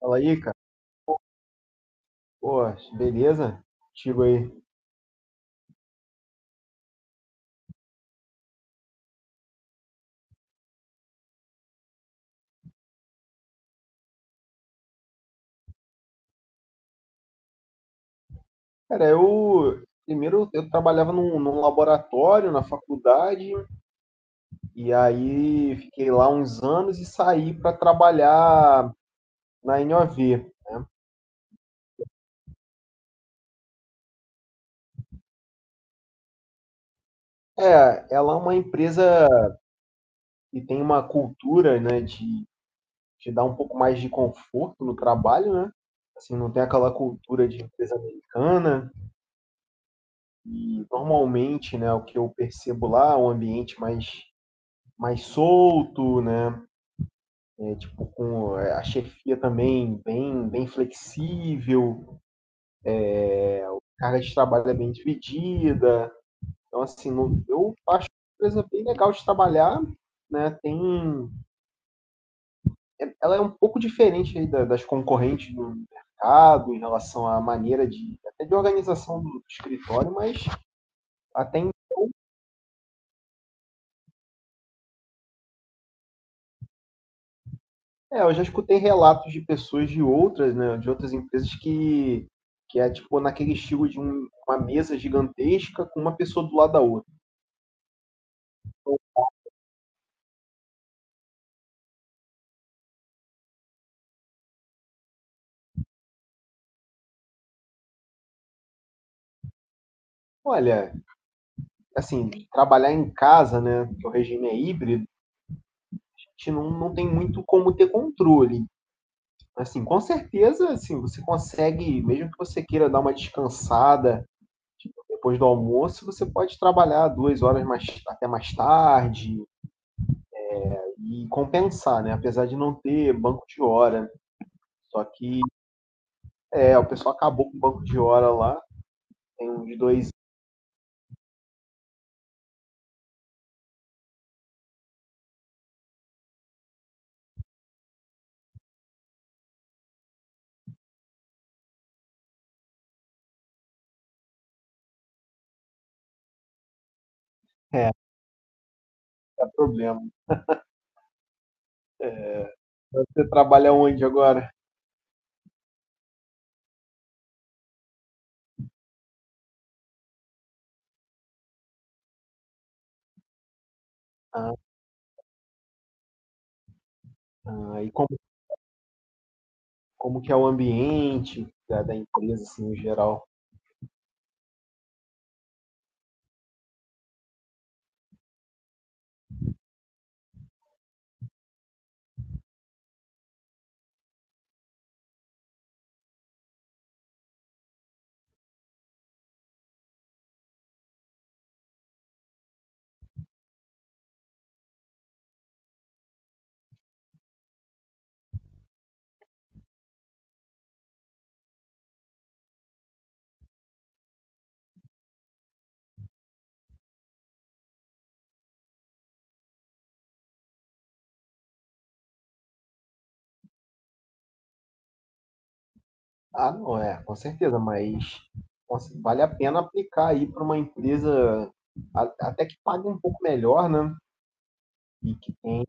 Fala aí, cara. Pô, beleza? Contigo aí. Cara, eu primeiro eu trabalhava num laboratório na faculdade e aí fiquei lá uns anos e saí para trabalhar na NOV. É, ela é uma empresa que tem uma cultura, né, de te dar um pouco mais de conforto no trabalho, né? Assim, não tem aquela cultura de empresa americana e normalmente, né, o que eu percebo lá é um ambiente mais solto, né? Tipo, a chefia também bem flexível, a carga de trabalho é bem dividida. Então, assim, não, eu acho uma empresa bem legal de trabalhar, né? Tem, é, ela é um pouco diferente aí das concorrentes do mercado em relação à maneira de, até de organização do escritório, mas até em- eu já escutei relatos de pessoas de outras, né, de outras empresas que é tipo naquele estilo de uma mesa gigantesca com uma pessoa do lado da outra. Olha, assim, trabalhar em casa, né, que o regime é híbrido, a gente não tem muito como ter controle. Assim, com certeza, assim, você consegue, mesmo que você queira dar uma descansada tipo, depois do almoço, você pode trabalhar duas horas mais, até mais tarde e compensar, né, apesar de não ter banco de hora. Só que o pessoal acabou com o banco de hora lá, tem um de dois é, problema. Você trabalha onde agora? Ah, ah, e como que é o ambiente da empresa, assim, em geral? Ah, não é, com certeza, mas nossa, vale a pena aplicar aí para uma empresa até que pague um pouco melhor, né? E que tem,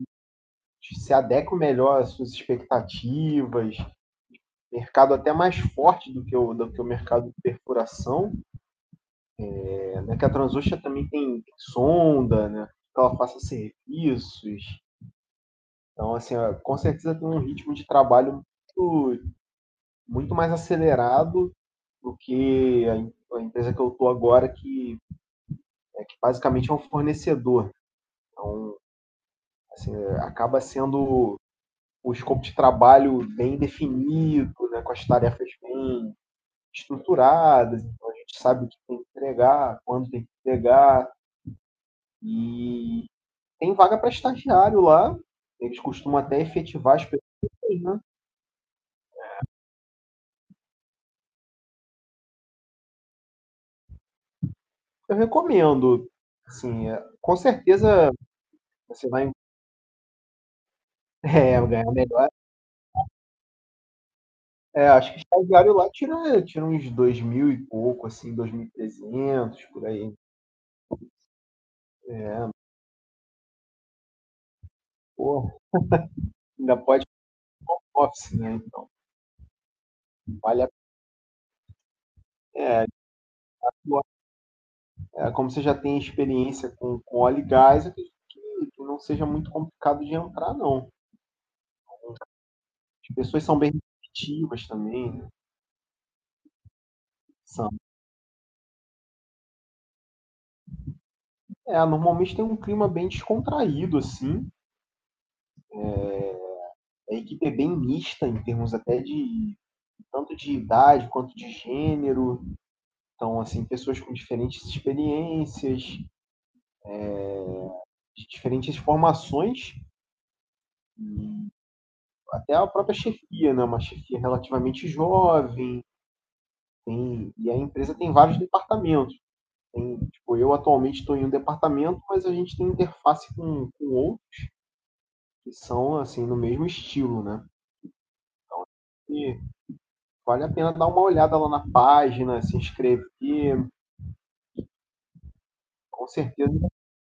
se adeque melhor às suas expectativas, mercado até mais forte do que o mercado de perfuração, é, né? Que a Transocean também tem sonda, né? Que ela faça serviços. Então, assim, ó, com certeza tem um ritmo de trabalho muito muito mais acelerado do que a empresa que eu estou agora, que, é, que basicamente é um fornecedor. Assim, é, acaba sendo o escopo de trabalho bem definido, né, com as tarefas bem estruturadas, então a gente sabe o que tem que entregar, quando tem que entregar, e tem vaga para estagiário lá, eles costumam até efetivar as pessoas, né? Eu recomendo, assim, é, com certeza você vai é, ganhar. É, acho que o estagiário lá tira uns dois mil e pouco, assim, 2.300 por aí. Pô, ainda pode office, né? Então, vale a- é, como você já tem experiência com óleo e gás, eu acredito que não seja muito complicado de entrar, não. As pessoas são bem receptivas também, né? São. É, normalmente tem um clima bem descontraído, assim. A equipe é bem mista em termos até de tanto de idade quanto de gênero. Então, assim, pessoas com diferentes experiências, de diferentes formações, até a própria chefia, né? Uma chefia relativamente jovem, tem, e a empresa tem vários departamentos. Tem, tipo, eu atualmente estou em um departamento, mas a gente tem interface com outros que são assim no mesmo estilo, né? E vale a pena dar uma olhada lá na página, se inscrever, com certeza é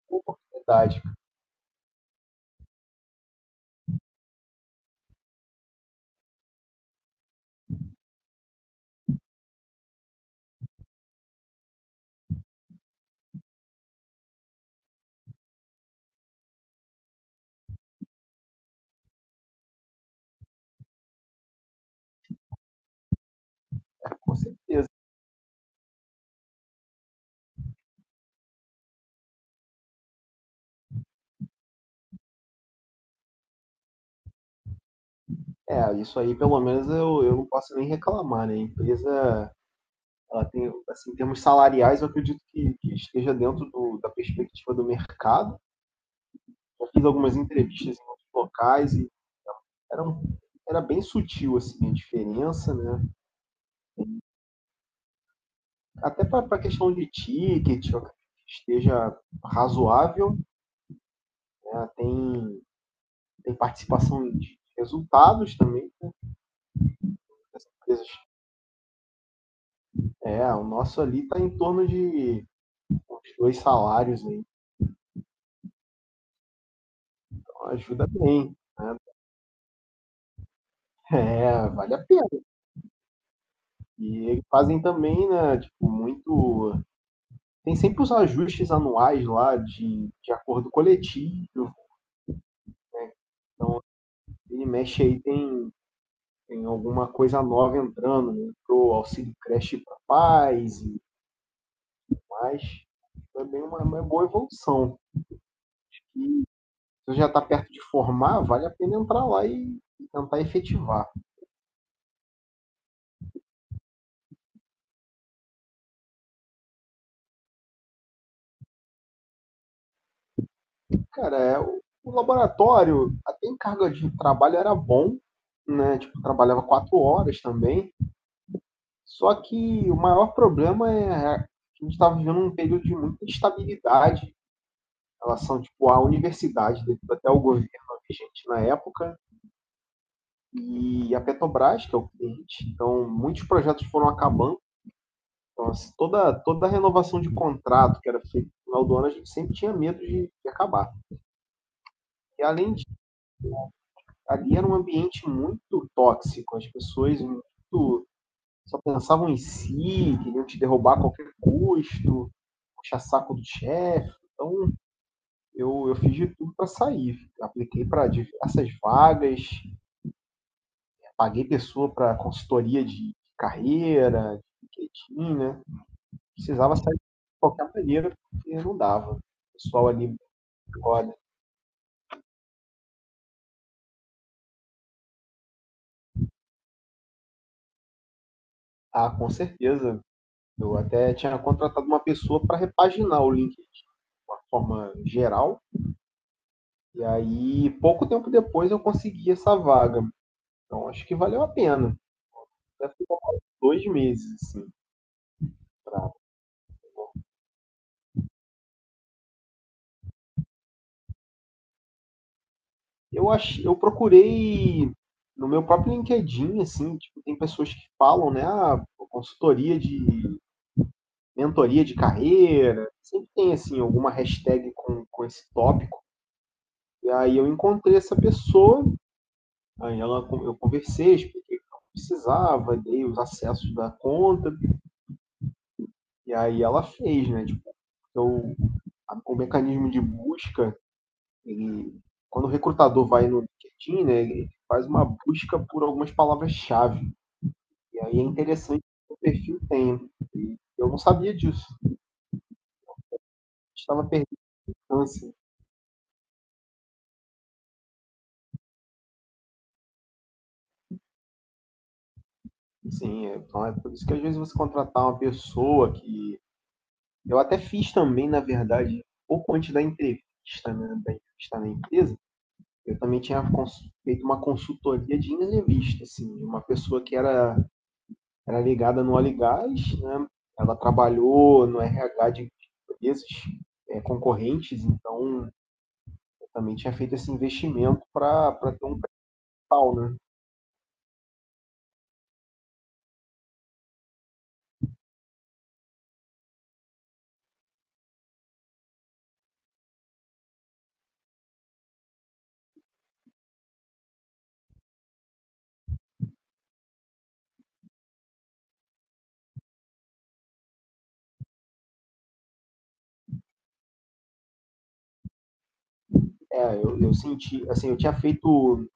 uma oportunidade, cara. É, com certeza. É, isso aí pelo menos eu não posso nem reclamar, né? A empresa ela tem, assim, em termos salariais, eu acredito que esteja dentro do, da perspectiva do mercado. Eu fiz algumas entrevistas em outros locais e era, um- era bem sutil assim, a diferença, né? Até para a questão de ticket, eu acredito que esteja razoável. Né? Tem, tem participação de resultados também. É, o nosso ali está em torno de uns dois salários, né? Então ajuda bem. É, vale a pena. E eles fazem também, né, tipo, muito tem sempre os ajustes anuais lá de acordo coletivo. Ele mexe aí, tem, tem alguma coisa nova entrando, né? Pro auxílio creche para pais e mais. Também uma boa evolução. Se você já está perto de formar, vale a pena entrar lá e tentar efetivar. Cara, é, o laboratório, até em carga de trabalho era bom, né? Tipo, trabalhava quatro horas também. Só que o maior problema é a gente está vivendo um período de muita instabilidade relação tipo à universidade, devido até ao governo vigente na época, e a Petrobras, que é o cliente. Então, muitos projetos foram acabando. Então, assim, toda a renovação de contrato que era feita no final do ano, a gente sempre tinha medo de acabar. E além disso, ali era um ambiente muito tóxico, as pessoas muito só pensavam em si, queriam te derrubar a qualquer custo, puxar saco do chefe. Então, eu fiz de tudo para sair. Apliquei para diversas vagas, paguei pessoa para consultoria de carreira, de LinkedIn, né? Precisava sair de qualquer maneira, porque não dava. O pessoal ali agora, ah, com certeza. Eu até tinha contratado uma pessoa para repaginar o LinkedIn de uma forma geral. E aí, pouco tempo depois, eu consegui essa vaga. Então, acho que valeu a pena. Deve ter demorado dois meses, assim, para... Eu acho, eu procurei no meu próprio LinkedIn, assim, tipo, tem pessoas que falam, né, ah, consultoria de mentoria de carreira, sempre tem, assim, alguma hashtag com esse tópico. E aí eu encontrei essa pessoa, aí ela, eu conversei, expliquei o que eu precisava, dei os acessos da conta, e aí ela fez, né, tipo, eu, o mecanismo de busca, ele, quando o recrutador vai no LinkedIn, né, ele faz uma busca por algumas palavras-chave. E aí é interessante que o perfil tem. E eu não sabia disso. A gente estava perdendo chance. Sim, então é por isso que às vezes você contratar uma pessoa que... Eu até fiz também, na verdade, pouco antes da entrevista, né, da entrevista na empresa, eu também tinha feito uma consultoria de entrevista, assim, uma pessoa que era, era ligada no óleo e gás, né, ela trabalhou no RH de empresas é, concorrentes, então eu também tinha feito esse investimento para ter um... É, eu senti, assim, eu tinha feito,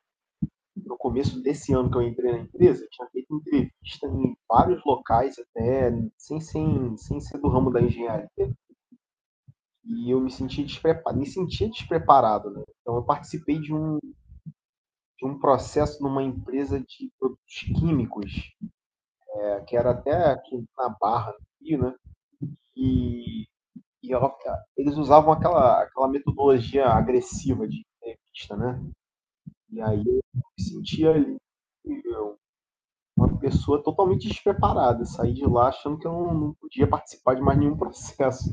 no começo desse ano que eu entrei na empresa, eu tinha feito entrevista em vários locais até, sem ser do ramo da engenharia, e eu me senti despreparado, me sentia despreparado, né? Então eu participei de um processo numa empresa de produtos químicos, é, que era até aqui na Barra, no Rio, né? E, e ela, eles usavam aquela, aquela metodologia agressiva de entrevista, né? E aí eu me sentia ali pessoa totalmente despreparada, saí de lá achando que eu não, não podia participar de mais nenhum processo.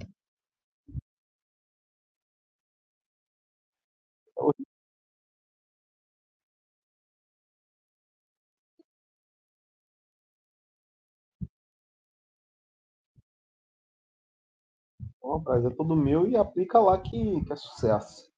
Então, rapaz, é todo meu e aplica lá que é sucesso.